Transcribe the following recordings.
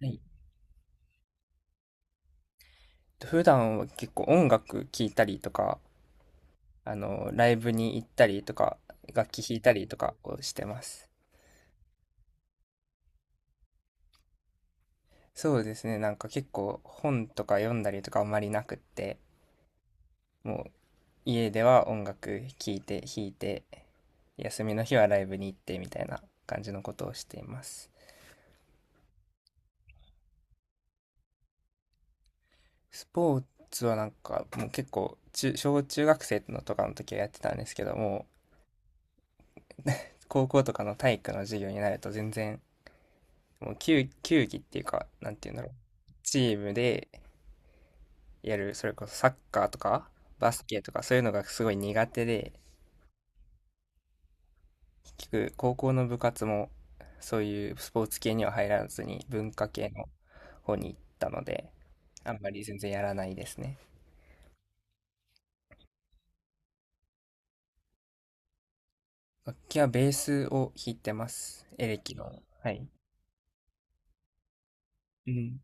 はい。普段は結構音楽聴いたりとか、ライブに行ったりとか、楽器弾いたりとかをしてます。そうですね、なんか結構本とか読んだりとかあんまりなくって、もう家では音楽聴いて弾いて、休みの日はライブに行ってみたいな感じのことをしています。スポーツはなんかもう結構小中学生のとかの時はやってたんですけども、高校とかの体育の授業になると全然もう球技っていうか、なんていうんだろう。チームでやる、それこそサッカーとか、バスケとか、そういうのがすごい苦手で、結局、高校の部活も、そういうスポーツ系には入らずに、文化系の方に行ったので、あんまり全然やらないですね。楽器はベースを弾いてます。エレキの。はい。うん。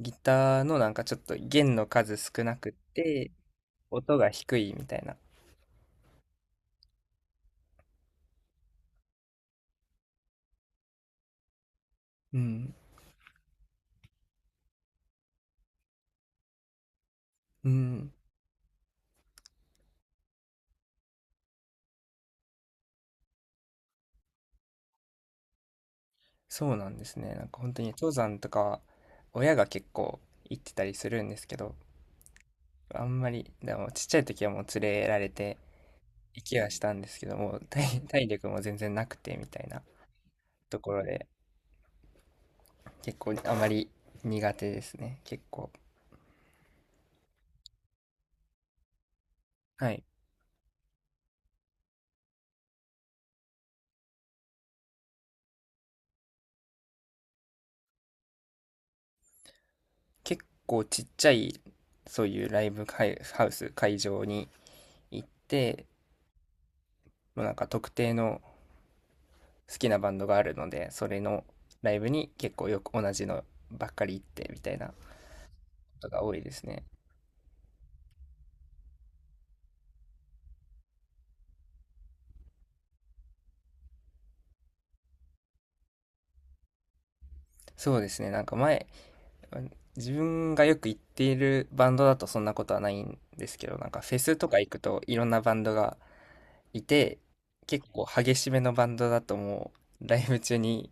ギターのなんかちょっと弦の数少なくって、音が低いみたいな。うん。うん。そうなんですね。なんか本当に登山とかは親が結構行ってたりするんですけど、あんまり、でもちっちゃい時はもう連れられて行きはしたんですけども、体力も全然なくてみたいなところで、結構あまり苦手ですね。結構。はい。結構ちっちゃい、そういうライブ会ハウス、会場に行って、もうなんか特定の好きなバンドがあるので、それのライブに結構よく同じのばっかり行ってみたいなことが多いですね。そうですね。なんか前、自分がよく行っているバンドだとそんなことはないんですけど、なんかフェスとか行くといろんなバンドがいて、結構激しめのバンドだともうライブ中に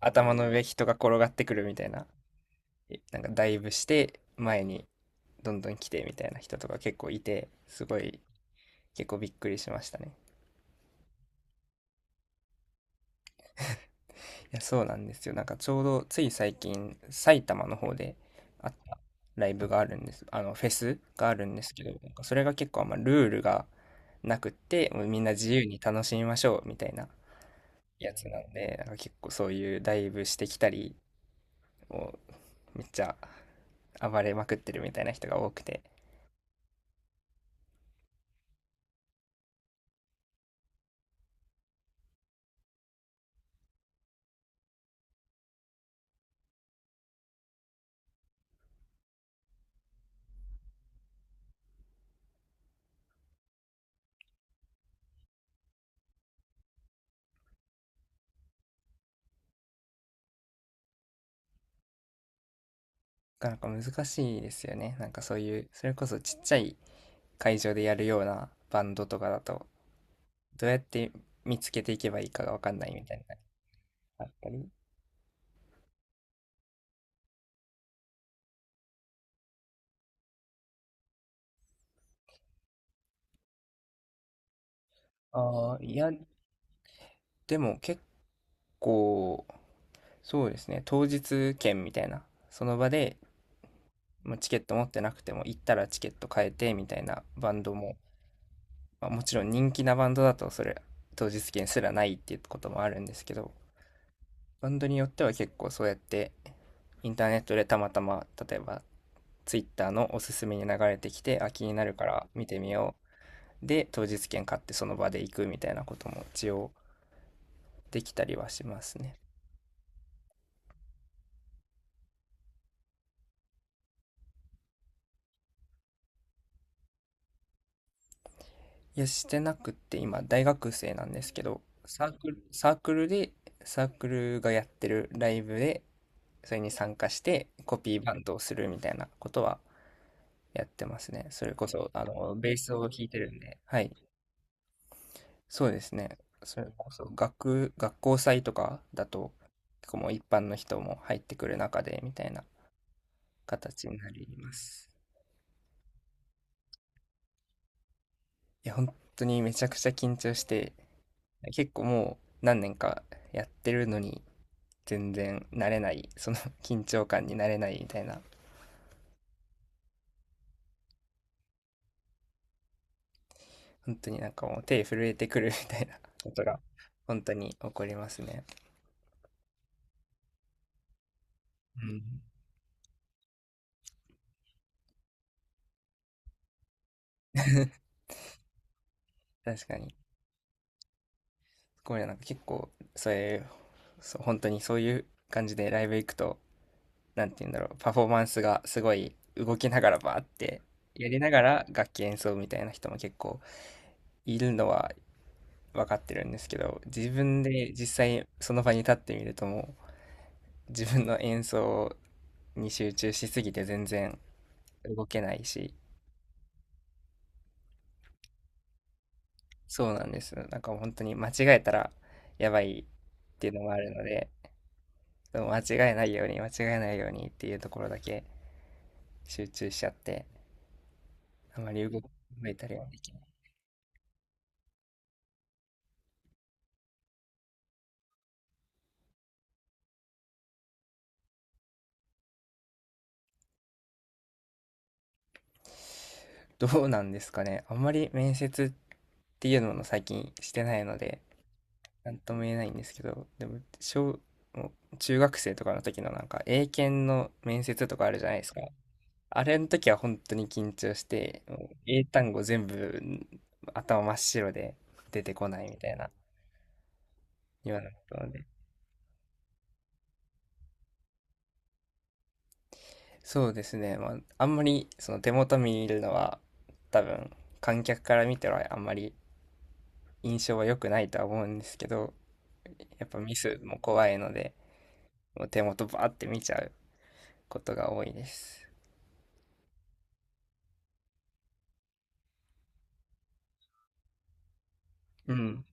頭の上人が転がってくるみたいな、なんかダイブして前にどんどん来てみたいな人とか結構いて、すごい結構びっくりしましたね。いや、そうなんですよ。なんかちょうどつい最近、埼玉の方であったライブがあるんです。フェスがあるんですけど、なんかそれが結構あんまルールがなくって、もうみんな自由に楽しみましょうみたいなやつなんで、なんか結構そういうダイブしてきたり、もうめっちゃ暴れまくってるみたいな人が多くて、なかなか難しいですよね。なんかそういう、それこそちっちゃい会場でやるようなバンドとかだと、どうやって見つけていけばいいかがわかんないみたいなあったり。ああ、いや、でも結構、そうですね、当日券みたいな、その場で、まあ、チケット持ってなくても、行ったらチケット買えてみたいなバンドも、まあ、もちろん人気なバンドだと、それ、当日券すらないっていうこともあるんですけど、バンドによっては結構そうやって、インターネットでたまたま、例えば、ツイッターのおすすめに流れてきて、あ、気になるから見てみよう。で、当日券買ってその場で行くみたいなことも一応できたりはしますね。いや、してなくって今大学生なんですけど、サークルで、サークルがやってるライブで、それに参加してコピーバンドをするみたいなことはやってますね。それこそ、ベースを弾いてるんで、はい。そうですね。それこそ学校祭とかだと、結構もう一般の人も入ってくる中で、みたいな形になります。いや、本当にめちゃくちゃ緊張して、結構もう何年かやってるのに、全然慣れないその 緊張感に慣れないみたいな、本当になんかもう手震えてくるみたいな ことが本当に起こりますね。うん、確かに、これなんか結構そういうそう、本当にそういう感じでライブ行くと、なんて言うんだろう、パフォーマンスがすごい動きながらバーってやりながら楽器演奏みたいな人も結構いるのは分かってるんですけど、自分で実際その場に立ってみるともう自分の演奏に集中しすぎて全然動けないし、そうなんです。なんか本当に間違えたらやばいっていうのもあるので、でも間違えないように、間違えないようにっていうところだけ集中しちゃって、あまり動いたりはできない。どうなんですかね。あんまり面接っていうのも最近してないので、なんとも言えないんですけど、でももう中学生とかの時のなんか英検の面接とかあるじゃないですか。あれの時は本当に緊張して、もう英単語全部頭真っ白で出てこないみたいな、今のことなので。そうですね。まあ、あんまりその手元見るのは多分観客から見てはあんまり印象は良くないとは思うんですけど、やっぱミスも怖いので、もう手元バーって見ちゃうことが多いです。うん。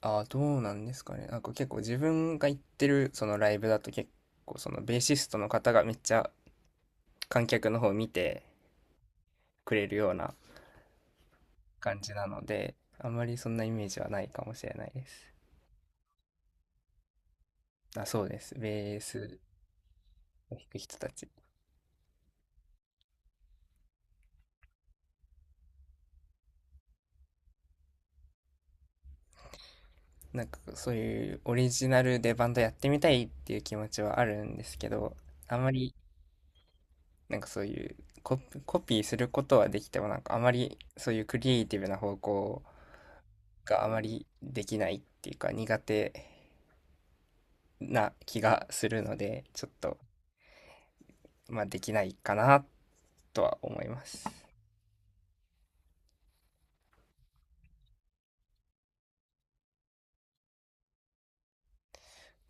ああ、どうなんですかね。なんか結構自分が行ってるそのライブだと結構そのベーシストの方がめっちゃ観客の方を見てくれるような感じなので、あんまりそんなイメージはないかもしれないです。あ、そうです。ベースを弾く人たち。なんかそういうオリジナルでバンドやってみたいっていう気持ちはあるんですけど、あんまりなんかそういうコピーすることはできてもなんかあまりそういうクリエイティブな方向があまりできないっていうか苦手な気がするので、ちょっとまあできないかなとは思います。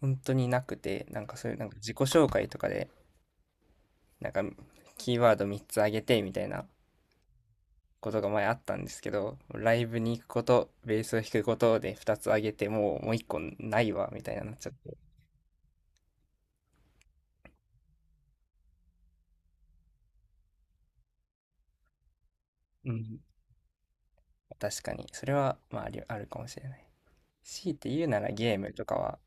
本当になくて、なんかそういうなんか自己紹介とかで、なんかキーワード3つあげてみたいなことが前あったんですけど、ライブに行くこと、ベースを弾くことで2つあげて、もう1個ないわ、みたいになっちゃって。うん。確かに、それは、まあ、あるかもしれない。強いて言うならゲームとかは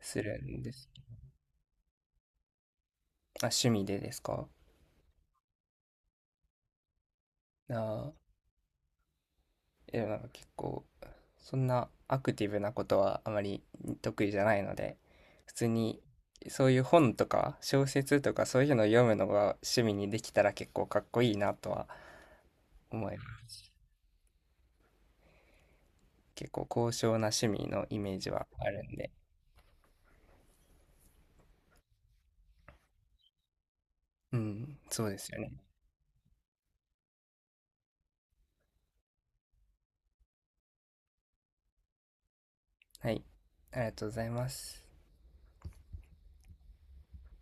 するんです。まあ、趣味でですか？ああ、でもなんか結構、そんなアクティブなことはあまり得意じゃないので、普通にそういう本とか小説とかそういうのを読むのが趣味にできたら結構かっこいいなとは思います。結構高尚な趣味のイメージはあるんで。うん、そうですよね。はい。ありがとうございます。